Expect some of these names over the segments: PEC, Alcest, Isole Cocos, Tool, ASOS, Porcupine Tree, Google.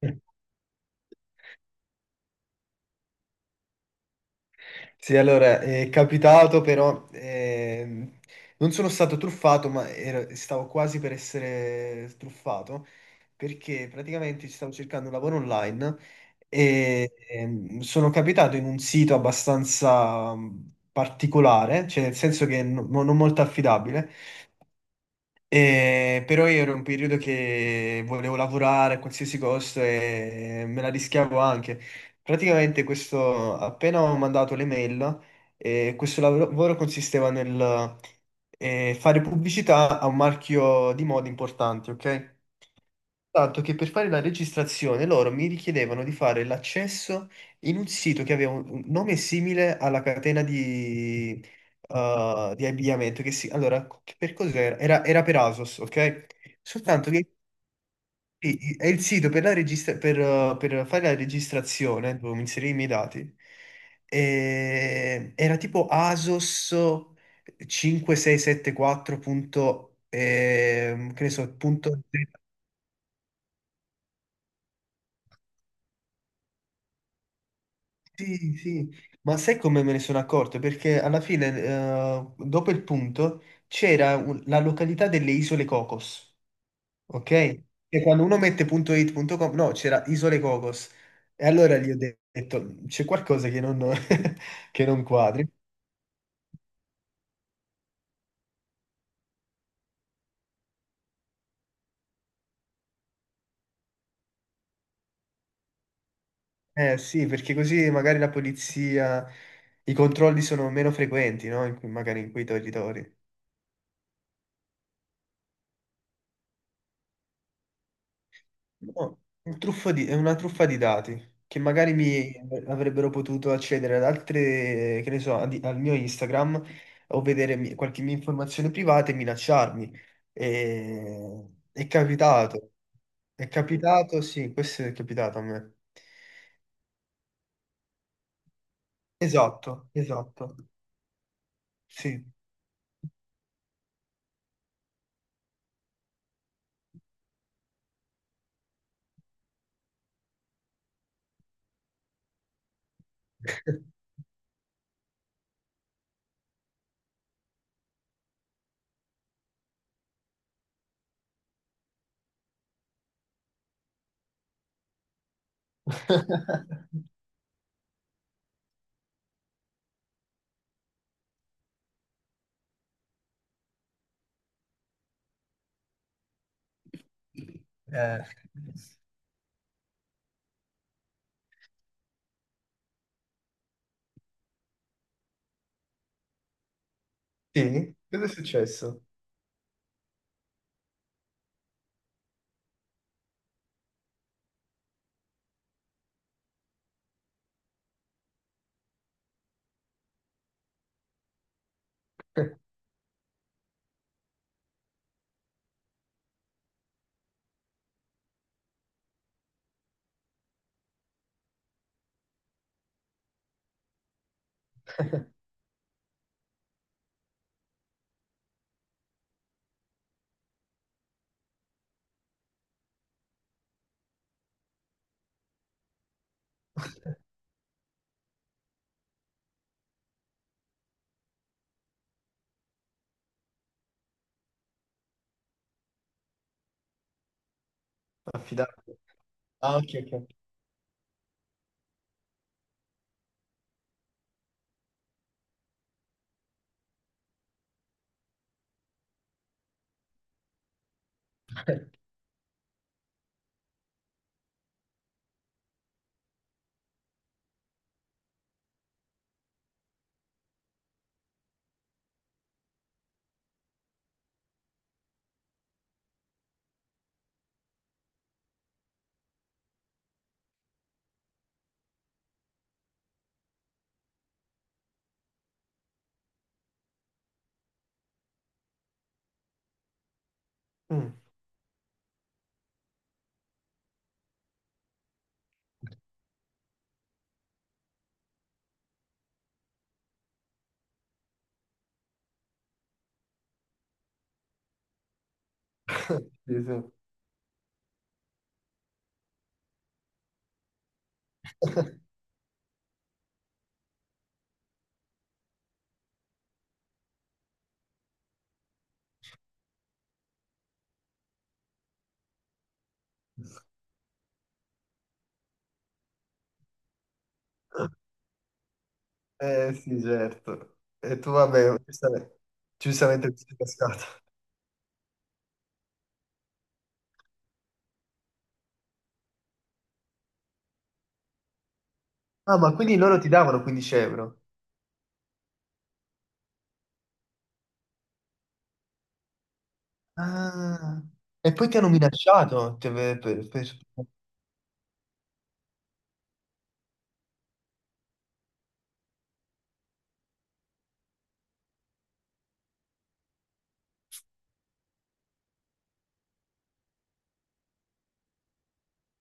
Eh, Sì, allora, è capitato però, non sono stato truffato, ma stavo quasi per essere truffato, perché praticamente stavo cercando un lavoro online e sono capitato in un sito abbastanza particolare, cioè nel senso che non molto affidabile, però io ero in un periodo che volevo lavorare a qualsiasi costo e me la rischiavo anche. Praticamente questo, appena ho mandato l'email, questo lavoro consisteva nel fare pubblicità a un marchio di moda importante, ok? Tanto che per fare la registrazione loro mi richiedevano di fare l'accesso in un sito che aveva un nome simile alla catena di abbigliamento. Che si, allora, per cos'era? Era per ASOS, ok? Soltanto che è il sito per fare la registrazione, dovevo inserire i miei dati. E era tipo ASOS 5674 punto, che ne so, punto. Sì, sì, ma sai come me ne sono accorto? Perché alla fine, dopo il punto, c'era la località delle Isole Cocos, ok? E quando uno mette punto .it, punto .com, no, c'era Isole Cocos. E allora gli ho detto, c'è qualcosa che non, che non quadri. Eh sì, perché così magari la polizia, i controlli sono meno frequenti, no? Magari in quei territori. No, un è una truffa di dati che magari mi avrebbero potuto accedere ad altre, che ne so, al mio Instagram o vedere qualche mia informazione privata e minacciarmi. E- È capitato, è capitato, sì, questo è capitato a me. Esatto, esatto, sì. Eh, sì, cosa è successo? Affidato. Ah, ok, ok. Mm. Sì, sì. Eh sì, certo. E tu, vabbè, giustamente, giustamente ti sei cascato. Ah, ma quindi loro ti davano 15 euro? Ah, e poi ti hanno minacciato? Ti ave- per-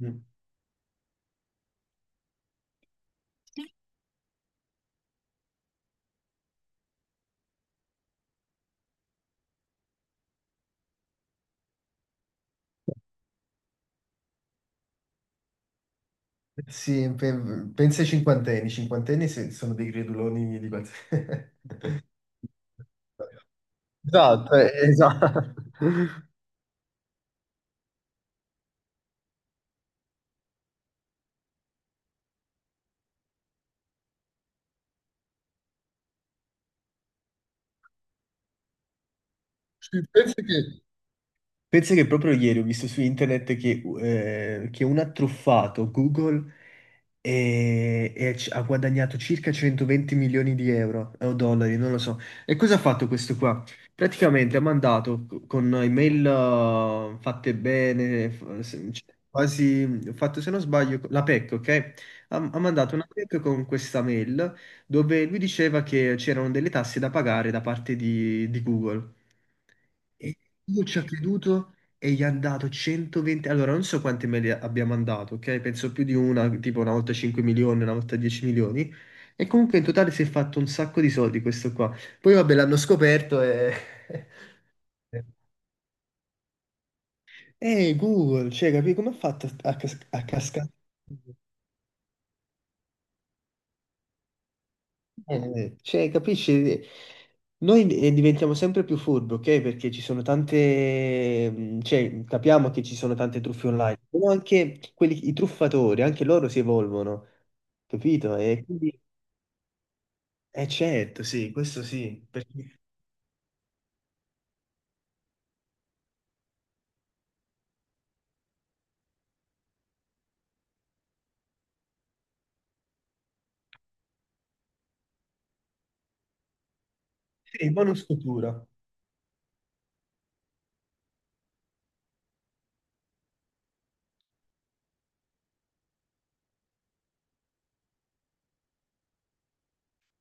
Mm. Sì, pensa ai cinquantenni. I cinquantenni sono dei creduloni di qualsiasi. Esatto, esatto. Sì, Penso che pensa che proprio ieri ho visto su internet che un ha truffato Google e ha guadagnato circa 120 milioni di euro o dollari, non lo so. E cosa ha fatto questo qua? Praticamente ha mandato con email fatte bene, cioè, quasi ho fatto se non sbaglio la PEC, ok? Ha mandato una PEC con questa mail dove lui diceva che c'erano delle tasse da pagare da parte di Google. E io ci ho creduto e gli ha dato 120. Allora, non so quante mail abbia mandato, ok? Penso più di una, tipo una volta 5 milioni, una volta 10 milioni. E comunque in totale si è fatto un sacco di soldi questo qua. Poi vabbè, l'hanno scoperto e. Google, cioè, capi come ha fatto a cascare? Cioè, capisci? Noi diventiamo sempre più furbi, ok? Perché ci sono tante, cioè, capiamo che ci sono tante truffe online, però anche quelli, i truffatori, anche loro si evolvono, capito? E quindi. Eh, certo, sì, questo sì, perché. Sì, bonus cultura.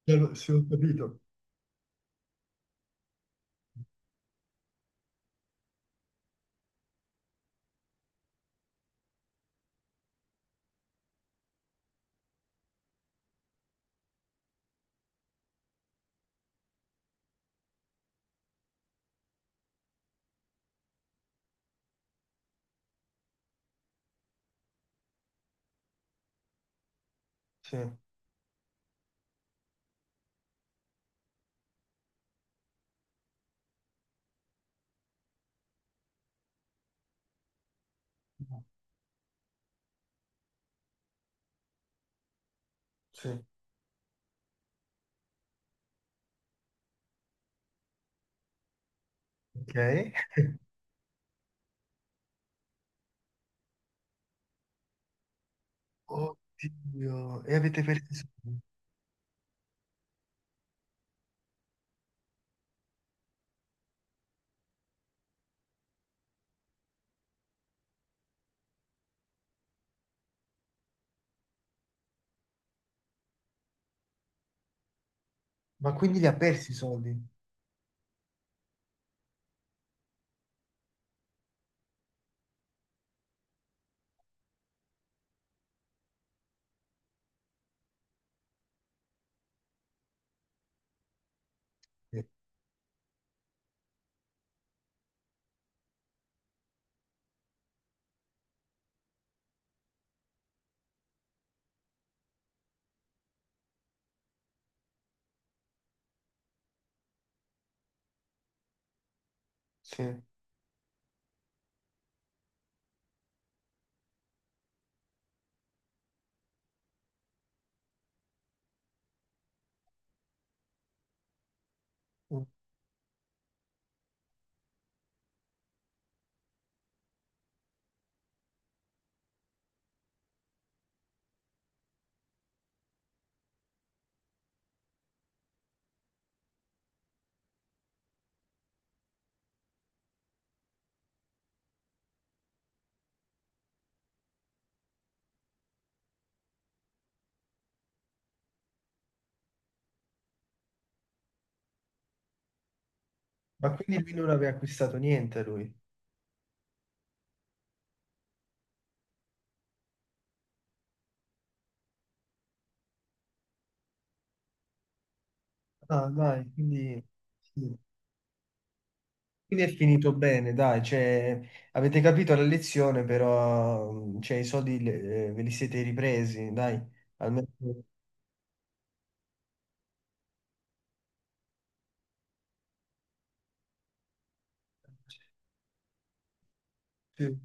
Allora, sì, ho capito. Sì, sì. Ok. Oddio, e avete perso i soldi? Ma quindi li ha persi i soldi? Sì. Sì. Ma quindi lui non aveva acquistato niente, lui? Ah, dai, quindi, sì. Quindi è finito bene, dai, cioè, avete capito la lezione, però cioè, i soldi ve li siete ripresi, dai, almeno. Sì.